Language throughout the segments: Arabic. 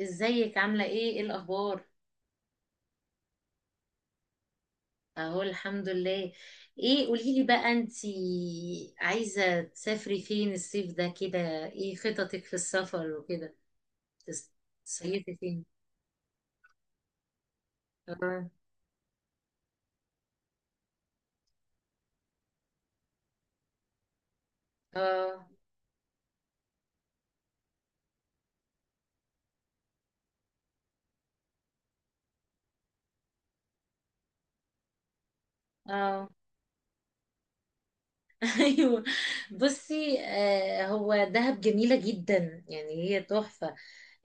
ازيك؟ عاملة ايه؟ ايه الأخبار؟ اهو الحمد لله. ايه قوليلي بقى، انتي عايزة تسافري فين الصيف ده كده؟ ايه خططك في السفر وكده؟ تس- تصيفي فين؟ اه. اه. اه. ايوه. بصي، هو دهب جميلة جدا، يعني هي تحفة.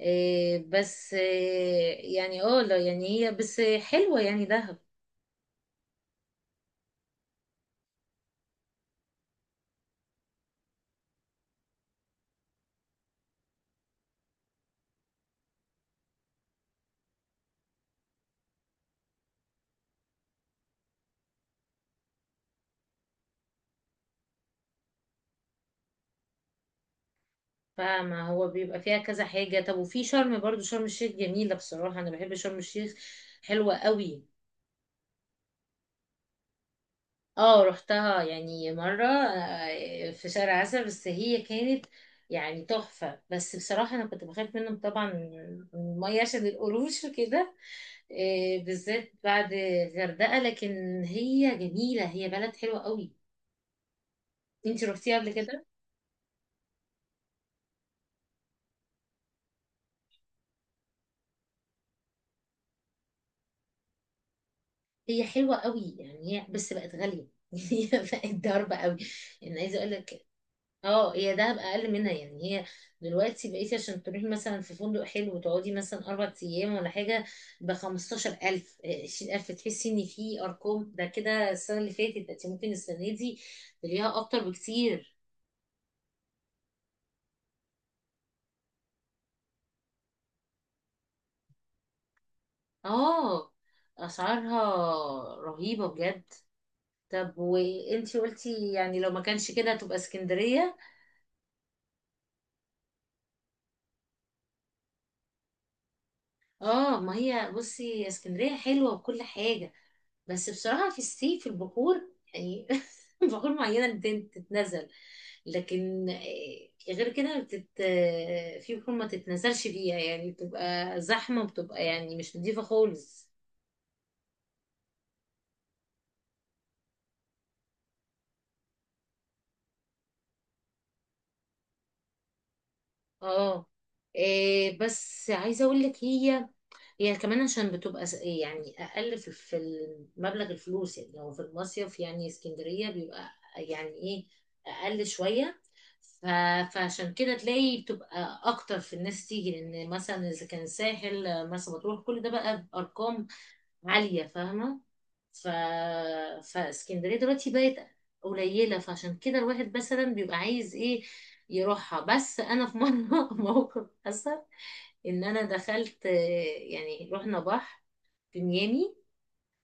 آه بس آه يعني لا، يعني هي بس حلوة يعني دهب. فما هو بيبقى فيها كذا حاجة. طب وفي شرم برضو، شرم الشيخ جميلة، بصراحة أنا بحب شرم الشيخ، حلوة قوي. اه رحتها يعني مرة في شهر عسل، بس هي كانت يعني تحفة. بس بصراحة أنا كنت بخاف منهم طبعا، من المية عشان القروش وكده، بالذات بعد الغردقة. لكن هي جميلة، هي بلد حلوة قوي. انتي روحتيها قبل كده؟ هي حلوة قوي، يعني هي بس بقت غالية. هي بقت ضربة قوي، يعني عايزة اقول لك. اه، هي دهب اقل منها، يعني هي دلوقتي بقيتي عشان تروحي مثلا في فندق حلو وتقعدي مثلا اربع ايام ولا حاجه ب 15000 20000. تحسي ان في ارقام ده كده السنه اللي فاتت، ده انت ممكن السنه دي تلاقيها اكتر بكتير. اه، اسعارها رهيبه بجد. طب وانتي قلتي يعني لو ما كانش كده هتبقى اسكندريه. اه، ما هي بصي اسكندريه حلوه وكل حاجه، بس بصراحة في الصيف في البحور، يعني بحور معينة تتنزل، لكن غير كده بتت... آه، في بحور ما تتنزلش فيها، يعني بتبقى زحمة، بتبقى يعني مش نضيفة خالص. اه. إيه بس عايزه اقول لك، هي هي كمان عشان يعني اقل في مبلغ الفلوس. يعني لو في المصيف يعني اسكندريه بيبقى يعني ايه، اقل شويه. ف- فعشان كده تلاقي بتبقى اكتر في الناس تيجي، لان مثلا اذا كان ساحل، مرسى مطروح، كل ده بقى بارقام عالية، فاهمة؟ ف... فاسكندرية دلوقتي بقت قليلة، فعشان كده الواحد مثلا بيبقى عايز ايه، يروحها. بس انا في مرة موقف حصل، ان انا دخلت يعني رحنا بحر في ميامي،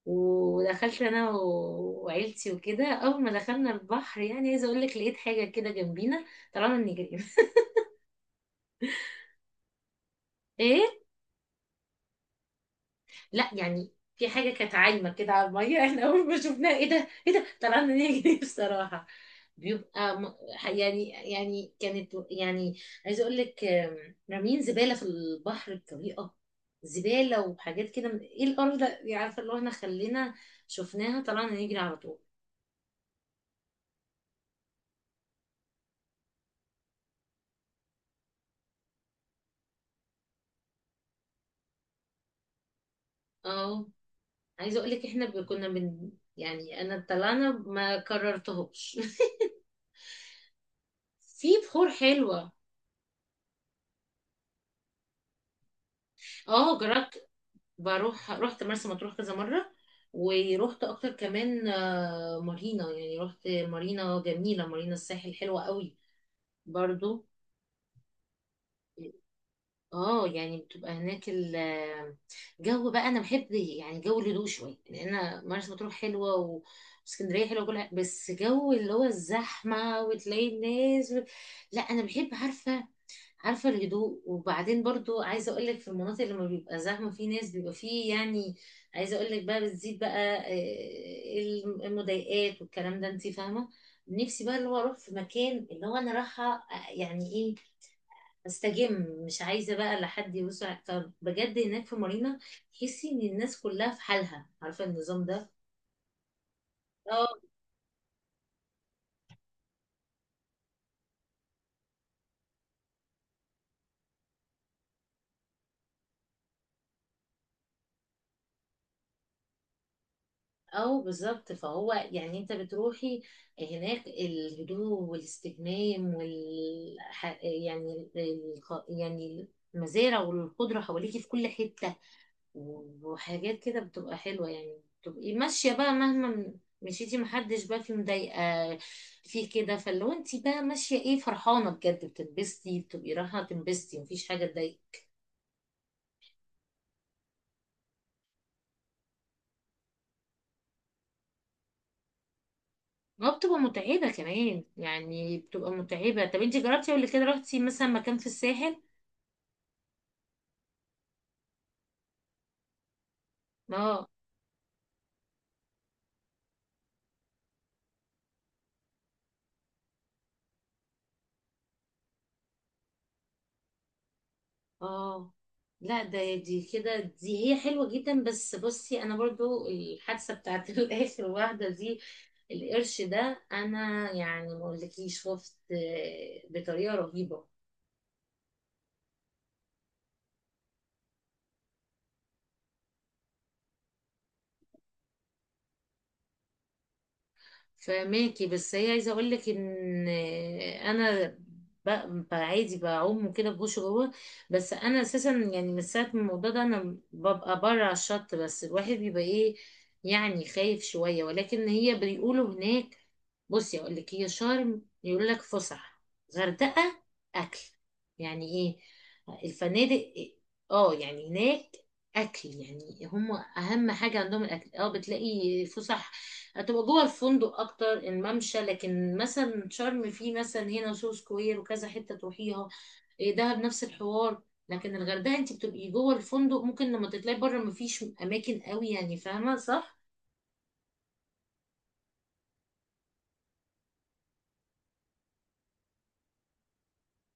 ودخلت انا وعيلتي وكده. اول ما دخلنا البحر، يعني عايزه اقول لك لقيت حاجه كده جنبينا، طلعنا نجري. ايه، لا يعني في حاجة كانت عايمة كده على المية. احنا أول ما شفناها، ايه ده ايه ده، طلعنا نجري. بصراحة بيبقى م... يعني كانت يعني عايزة أقول لك رامين زبالة في البحر بطريقة، زبالة وحاجات كده ايه القرف ده يعني، عارفة؟ اللي هو احنا خلينا شفناها طلعنا نجري على طول. اه، عايزة أقول لك احنا كنا يعني أنا طلعنا ما كررتهوش. في بحور حلوة. اه جربت، رحت مرسى مطروح كذا مرة. ورحت أكتر كمان مارينا، يعني رحت مارينا، جميلة مارينا، الساحل حلوة قوي برضو. اه يعني بتبقى هناك الجو، بقى انا بحب يعني جو الهدوء شويه، يعني انا مرسى مطروح حلوه، واسكندريه حلوه وكل حاجة، بس جو اللي هو الزحمه وتلاقي الناس لا انا بحب عارفة الهدوء. وبعدين برضو عايزة اقولك في المناطق اللي ما بيبقى زحمة، في ناس بيبقى فيه يعني، عايزة اقولك بقى بتزيد بقى المضايقات والكلام ده، انتي فاهمة. نفسي بقى اللي هو اروح في مكان اللي هو انا رايحة، يعني ايه، استجم، مش عايزة بقى لا حد فبجد هناك في مارينا تحسي ان الناس كلها في حالها، عارفة النظام ده. او بالظبط، فهو يعني انت بتروحي هناك الهدوء والاستجمام، وال ح- يعني الخ- يعني المزارع والخضرة حواليكي في كل حتة وحاجات كده، بتبقى حلوة، يعني بتبقي ماشية بقى مهما مشيتي، محدش بقى في مضايقة في كده. فلو انت بقى ماشية ايه، فرحانة بجد، بتنبسطي، بتبقي رايحة تنبسطي، مفيش حاجة تضايقك. اه بتبقى متعبة كمان، يعني بتبقى متعبة. طب انت جربتي قبل كده، رحتي مثلا مكان في الساحل؟ اه. اه، لا ده دي كده، دي هي حلوة جدا. بس بصي انا برضو الحادثة بتاعت الاخر واحدة دي، القرش ده، انا يعني ما اقولكيش خفت بطريقة رهيبة. فماكي، بس هي عايزه اقول لك ان انا ب- عادي بعوم وكده بخش جوه، بس انا اساسا يعني من ساعه ما الموضوع ده، انا ببقى بره على الشط بس، الواحد بيبقى ايه، يعني خايف شويه. ولكن هي بيقولوا هناك، بصي اقول لك، هي شرم يقول لك فسح، غردقه اكل، يعني ايه، الفنادق. اه يعني هناك اكل، يعني هم اهم حاجه عندهم الاكل. اه بتلاقي فسح هتبقى جوه الفندق اكتر، الممشى. لكن مثلا شرم فيه مثلا هنا سو سكوير وكذا حته تروحيها. إيه دهب نفس الحوار. لكن الغردقه انت بتبقي جوه الفندق، ممكن لما تطلعي بره مفيش اماكن قوي، يعني فاهمه صح.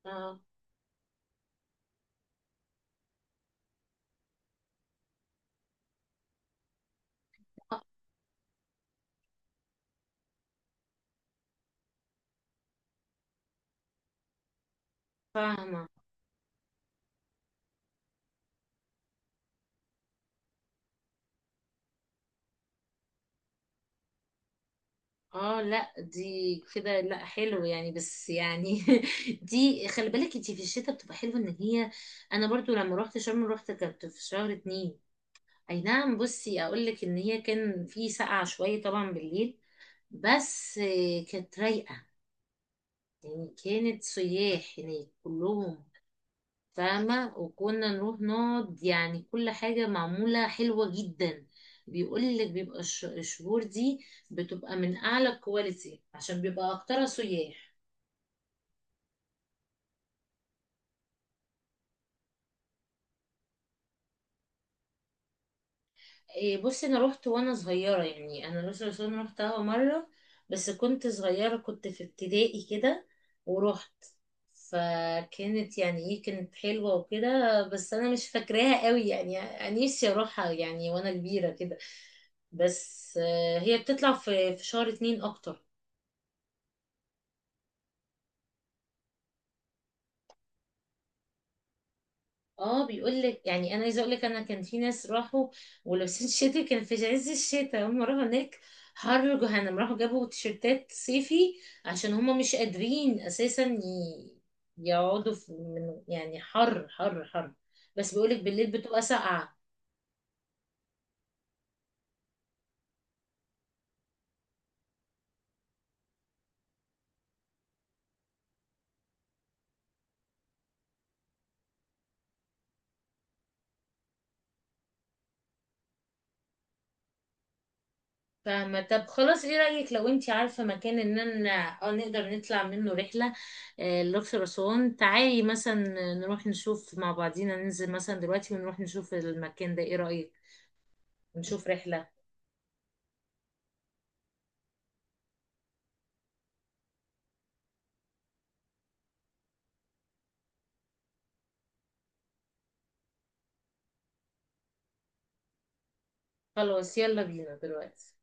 اه فاهمه. اه، لا دي كده لا حلو يعني، بس يعني دي خلي بالك انت في الشتاء بتبقى حلوه، ان هي انا برضو لما روحت شرم، روحت كانت في شهر اتنين، اي نعم. بصي اقول لك ان هي كان في سقعه شويه طبعا بالليل، بس كانت رايقة. يعني كانت سياح هناك كلهم، فاهمة؟ وكنا نروح نقعد، يعني كل حاجة معمولة حلوة جدا. بيقولك بيبقى الشهور دي بتبقى من أعلى الكواليتي، عشان بيبقى أكترها سياح. إيه، بصي انا روحت وانا صغيره، يعني انا الأقصر وأسوان روحتها مره، بس كنت صغيره، كنت في ابتدائي كده ورحت. فكانت يعني ايه، كانت حلوه وكده، بس انا مش فاكراها قوي. يعني أنا نفسي اروحها يعني وانا كبيره كده، بس هي بتطلع في شهر اتنين اكتر. اه، بيقول لك يعني، انا عايزه اقول لك انا كان في ناس راحوا ولابسين شتوي، كان في عز الشتاء هم راحوا هناك، حر جهنم، راحوا جابوا تيشرتات صيفي، عشان هم مش قادرين اساسا يقعدوا في، من يعني حر حر حر. بس بيقول لك بالليل بتبقى ساقعه. فاهمه. طب خلاص، ايه رايك لو انتي عارفه مكان ان انا اه نقدر نطلع منه رحله، الاقصر اسوان، تعالي مثلا نروح نشوف مع بعضينا، ننزل مثلا دلوقتي ونروح نشوف المكان ده. ايه رايك، نشوف رحلة؟ خلاص يلا بينا دلوقتي.